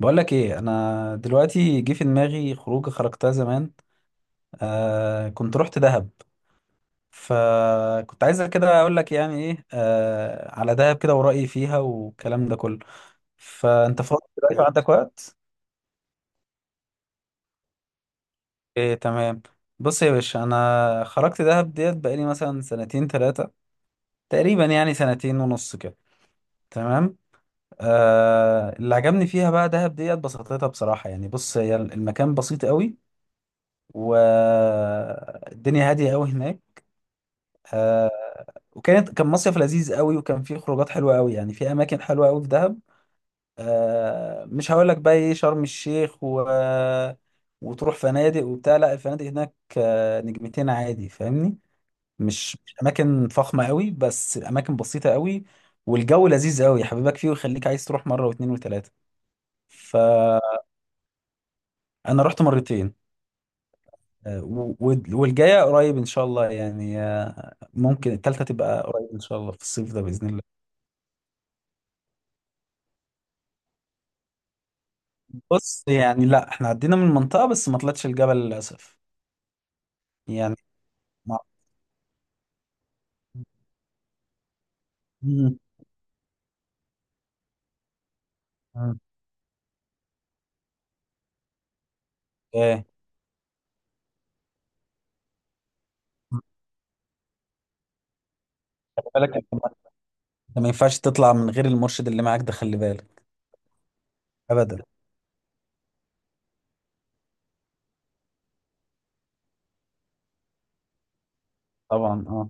بقول لك ايه، انا دلوقتي جه في دماغي خروجه خرجتها زمان. آه كنت رحت دهب. فكنت عايزة كده اقول لك يعني ايه على دهب كده، ورأيي فيها والكلام ده كله. فانت فاضي دلوقتي وعندك وقت؟ ايه تمام. بص يا باشا، انا خرجت دهب ديت بقالي مثلا سنتين ثلاثة، تقريبا يعني سنتين ونص كده. تمام. آه، اللي عجبني فيها بقى دهب ديت بساطتها بصراحة يعني. بص، هي المكان بسيط قوي والدنيا هادية قوي هناك. آه، كان مصيف لذيذ قوي، وكان فيه خروجات حلوه قوي، يعني في اماكن حلوه قوي في دهب. آه، مش هقول لك بقى ايه شرم الشيخ و... وتروح فنادق وبتاع. لا الفنادق هناك آه نجمتين عادي، فاهمني. مش اماكن فخمه قوي، بس اماكن بسيطه قوي والجو لذيذ قوي، يحببك فيه ويخليك عايز تروح مره واثنين وثلاثه. فانا رحت مرتين. والجايه قريب ان شاء الله، يعني ممكن التالتة تبقى قريب ان شاء الله في الصيف ده باذن الله. بص يعني لا، احنا عدينا من المنطقة بس ما طلعتش الجبل للأسف، يعني ما مم. مم. ايه. خلي بالك انت ما أنت ما ينفعش تطلع من غير المرشد اللي معاك ده، خلي بالك. أبدا. طبعا اه.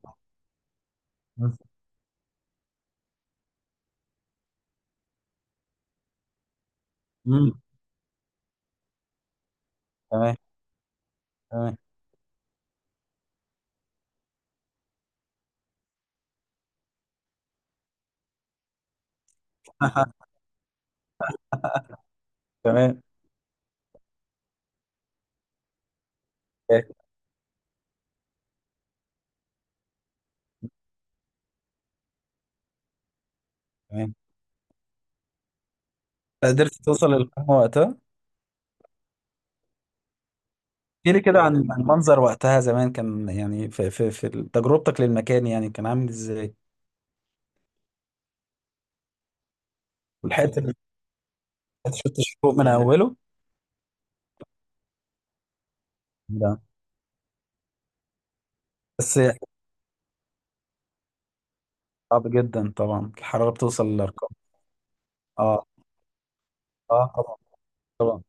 مم. تمام. تمام. تمام. إيه، تمام. قدرت توصل للقمة وقتها؟ احكي لي كده عن المنظر وقتها زمان، كان يعني في تجربتك للمكان، يعني كان عامل ازاي. ولحقت ال- شفت الشروق من أوله؟ لا بس صعب جدا طبعا، الحرارة بتوصل للأرقام. آه. اه طبعا، طبعا.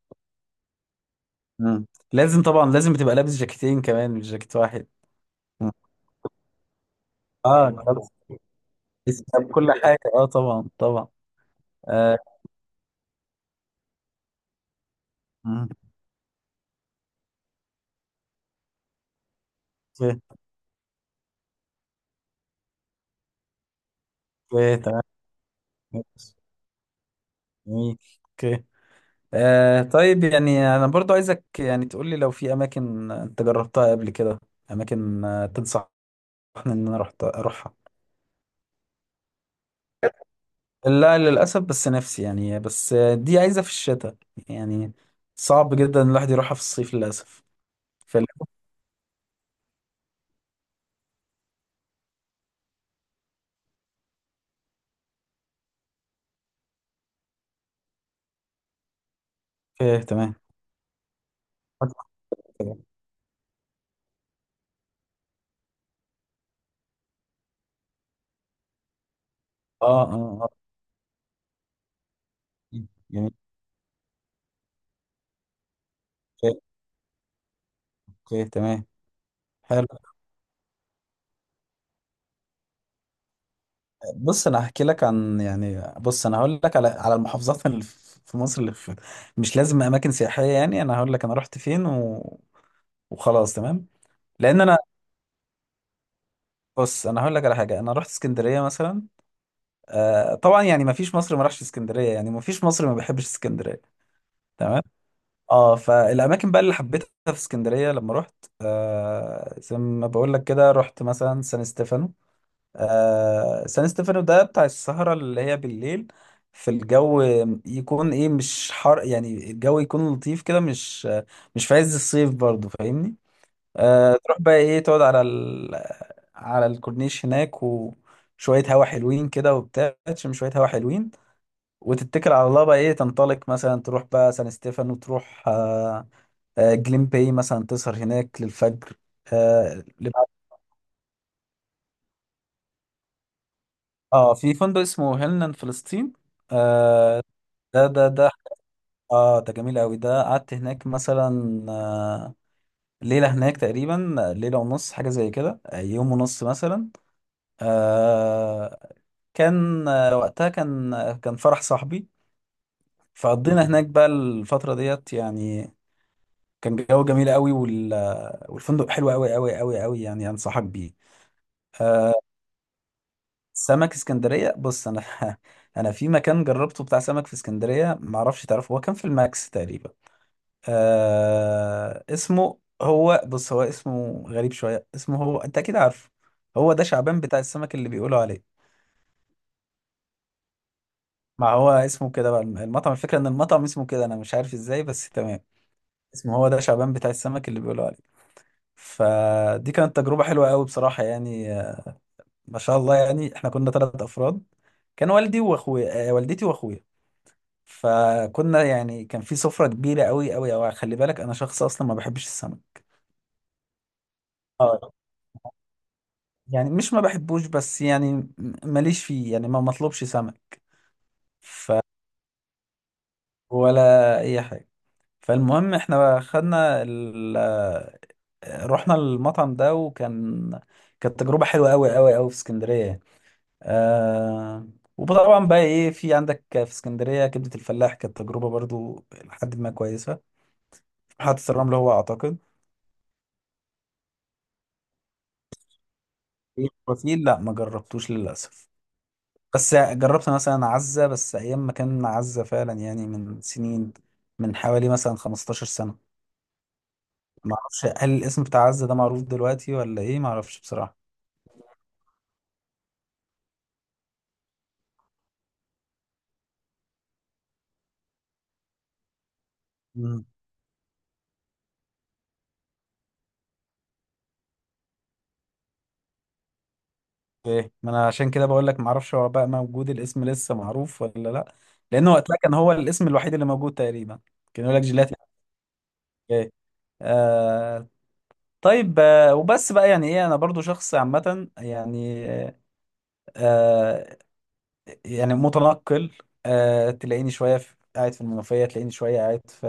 مم. لازم طبعا، لازم بتبقى لابس جاكيتين كمان، مش جاكيت واحد. مم. اه، أنت لابس، لسه لابس كل حاجه، اه طبعا، طبعا. آه. مم. اوكي، اوكي، تمام. جميل. اوكي. آه. طيب، يعني انا برضو عايزك يعني تقول لي لو في اماكن انت جربتها قبل كده، اماكن تنصحني ان انا رحت اروحها. لا للاسف، بس نفسي يعني، بس دي عايزه في الشتاء يعني، صعب جدا الواحد يروحها في الصيف للاسف. فال- اوكي تمام. اه، اه، اه. جميل. اوكي، اوكي، تمام. حلو. بص انا هحكي لك عن، يعني بص انا هقول لك على المحافظات اللي في مصر اللي في. مش لازم اماكن سياحيه، يعني انا هقول لك انا رحت فين و... وخلاص، تمام. لان انا، بص انا هقول لك على حاجه، انا رحت اسكندريه مثلا. آه طبعا، يعني ما فيش مصري ما راحش اسكندريه، يعني ما فيش مصري ما بيحبش اسكندريه. تمام. اه، فالاماكن بقى اللي حبيتها في اسكندريه لما رحت، آه زي ما بقول لك كده، رحت مثلا سان ستيفانو. آه، سان ستيفانو ده بتاع السهرة اللي هي بالليل، في الجو، يكون ايه مش حر، يعني الجو يكون لطيف كده، مش في عز الصيف برضو، فاهمني. آه، تروح بقى ايه تقعد على ال... على الكورنيش هناك، وشوية هوا حلوين كده وبتاع، تشم شوية هوا حلوين وتتكل على الله، بقى ايه تنطلق مثلا تروح بقى سان ستيفانو، تروح آه جليم باي مثلا، تسهر هناك للفجر. آه, لبعد- اه، في فندق اسمه هيلنان فلسطين. آه، ده اه ده جميل قوي. ده قعدت هناك مثلا ليلة هناك تقريبا، ليلة ونص حاجة زي كده، يوم ونص مثلا. آه، كان وقتها كان كان فرح صاحبي. فقضينا هناك بقى الفترة ديت يعني. كان جو جميل قوي، وال... آه، والفندق حلو قوي قوي قوي قوي، يعني انصحك بيه. آه، سمك اسكندرية. بص انا انا في مكان جربته بتاع سمك في اسكندرية، معرفش تعرفه، هو كان في الماكس تقريبا. آه، اسمه هو، بص هو اسمه غريب شوية، اسمه هو، انت اكيد عارفه. هو ده شعبان بتاع السمك اللي بيقولوا عليه. ما هو اسمه كده بقى، المطعم. الفكرة ان المطعم اسمه كده، انا مش عارف ازاي، بس تمام. اسمه هو ده شعبان بتاع السمك اللي بيقولوا عليه. فدي كانت تجربة حلوة قوي بصراحة، يعني ما شاء الله، يعني احنا كنا ثلاث افراد، كان والدي واخويا، والدتي واخويا. فكنا يعني، كان في سفرة كبيرة قوي قوي قوي، خلي بالك انا شخص اصلا ما بحبش السمك. اه، يعني مش ما بحبوش، بس يعني ماليش فيه، يعني ما مطلوبش سمك. ف، ولا اي حاجه. فالمهم احنا خدنا ال... آه، رحنا المطعم ده، وكان كانت تجربه حلوه قوي قوي قوي في اسكندريه يعني. آه... وطبعا بقى ايه، في عندك في اسكندريه كبده الفلاح، كانت تجربه برضو لحد ما كويسه. محطه الرمل هو اعتقد. إيه، وفيه، لا ما جربتوش للاسف. بس جربت مثلا عزة، بس أيام ما كان عزة فعلا، يعني من سنين، من حوالي مثلا 15 سنة. ما أعرفش هل الاسم بتاع عزة ده معروف دلوقتي ولا إيه، ما أعرفش بصراحة. مم. إيه، ما أنا عشان كده بقول لك ما أعرفش هو بقى موجود الاسم لسه معروف ولا لأ. لأن وقتها كان هو الاسم الوحيد اللي موجود تقريبا، كان يقول لك جيلاتي. إيه. آه. طيب. آه، وبس بقى يعني إيه، أنا برضو شخص عامة يعني. آه. يعني متنقل. آه، تلاقيني شوية في... قاعد في المنوفية، تلاقيني شوية قاعد في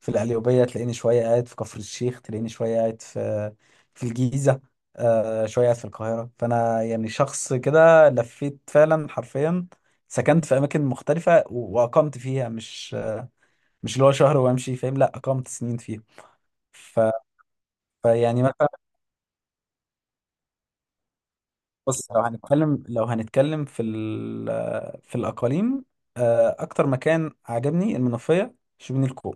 في القليوبية، تلاقيني شوية قاعد في كفر الشيخ، تلاقيني شوية قاعد في الجيزة، آه، شوية قاعد في القاهرة. فأنا يعني شخص كده، لفيت فعلا حرفيا. سكنت في أماكن مختلفة و- وأقمت فيها، مش اللي هو شهر وأمشي، فاهم، لا أقمت سنين فيها. ف... فيعني مثلا، بص. لو هنتكلم في الأقاليم، آه، أكتر مكان عجبني المنوفية، شبين الكوم.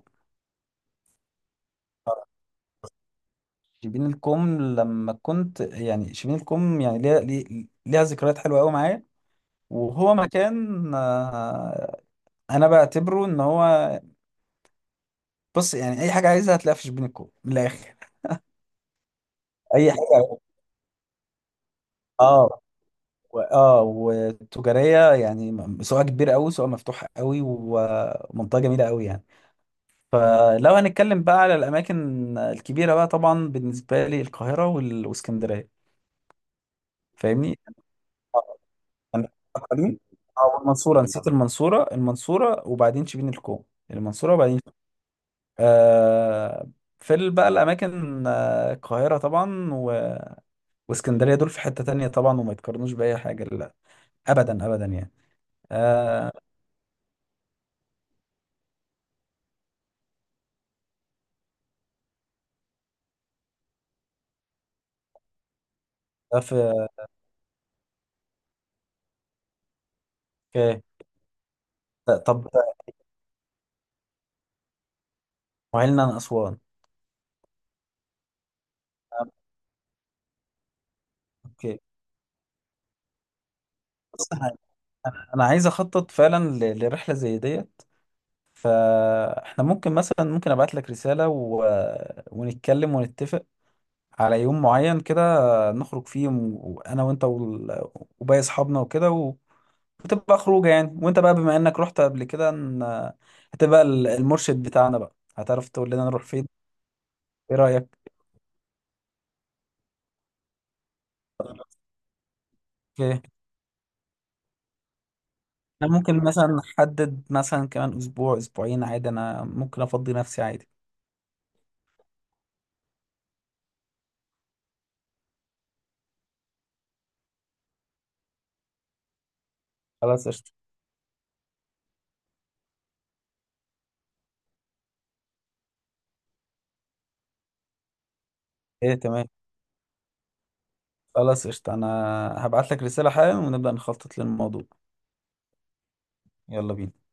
شبين الكوم، لما كنت يعني شبين الكوم، يعني ليها ليها ذكريات حلوة قوي معايا، وهو مكان آه، أنا بعتبره إن هو، بص يعني أي حاجة عايزها هتلاقيها في شبين الكوم، من الآخر. أي حاجة. اه و- اه وتجارية يعني، سواء كبير قوي سواء مفتوح قوي، ومنطقة جميلة قوي يعني. فلو هنتكلم بقى على الأماكن الكبيرة بقى، طبعا بالنسبة لي القاهرة وال- والإسكندرية. فاهمني؟ أنا- أقاليم. أو المنصورة، نسيت المنصورة، المنصورة وبعدين شبين الكوم، المنصورة وبعدين، آه، في بقى الأماكن، آه، القاهرة طبعا و- واسكندرية، دول في حتة تانية طبعا، وما يتقارنوش بأي حاجة، لا أبدا، أبدا يعني. آه. ده في. أوكي. طب، وعلنا عن أسوان. آه. أوكي. بص أنا، أنا عايز أخطط فعلا ل- لرحلة زي دي، فاحنا ممكن مثلا، ممكن ابعت لك رسالة و... ونتكلم ونتفق على يوم معين كده نخرج فيه، وانا وانت وال... وباقي اصحابنا وكده و... وتبقى خروجه يعني. وانت بقى بما انك رحت قبل كده ن... هتبقى المرشد بتاعنا بقى، هتعرف تقول لنا نروح فين. ايه رأيك؟ اوكي، احنا ممكن مثلا نحدد مثلا كمان اسبوع اسبوعين، عادي، انا ممكن افضي نفسي، عادي. خلاص قشطة. ايه تمام. خلاص قشطة، انا هبعت لك رسالة حالا، ونبدأ نخطط للموضوع. يلا بينا.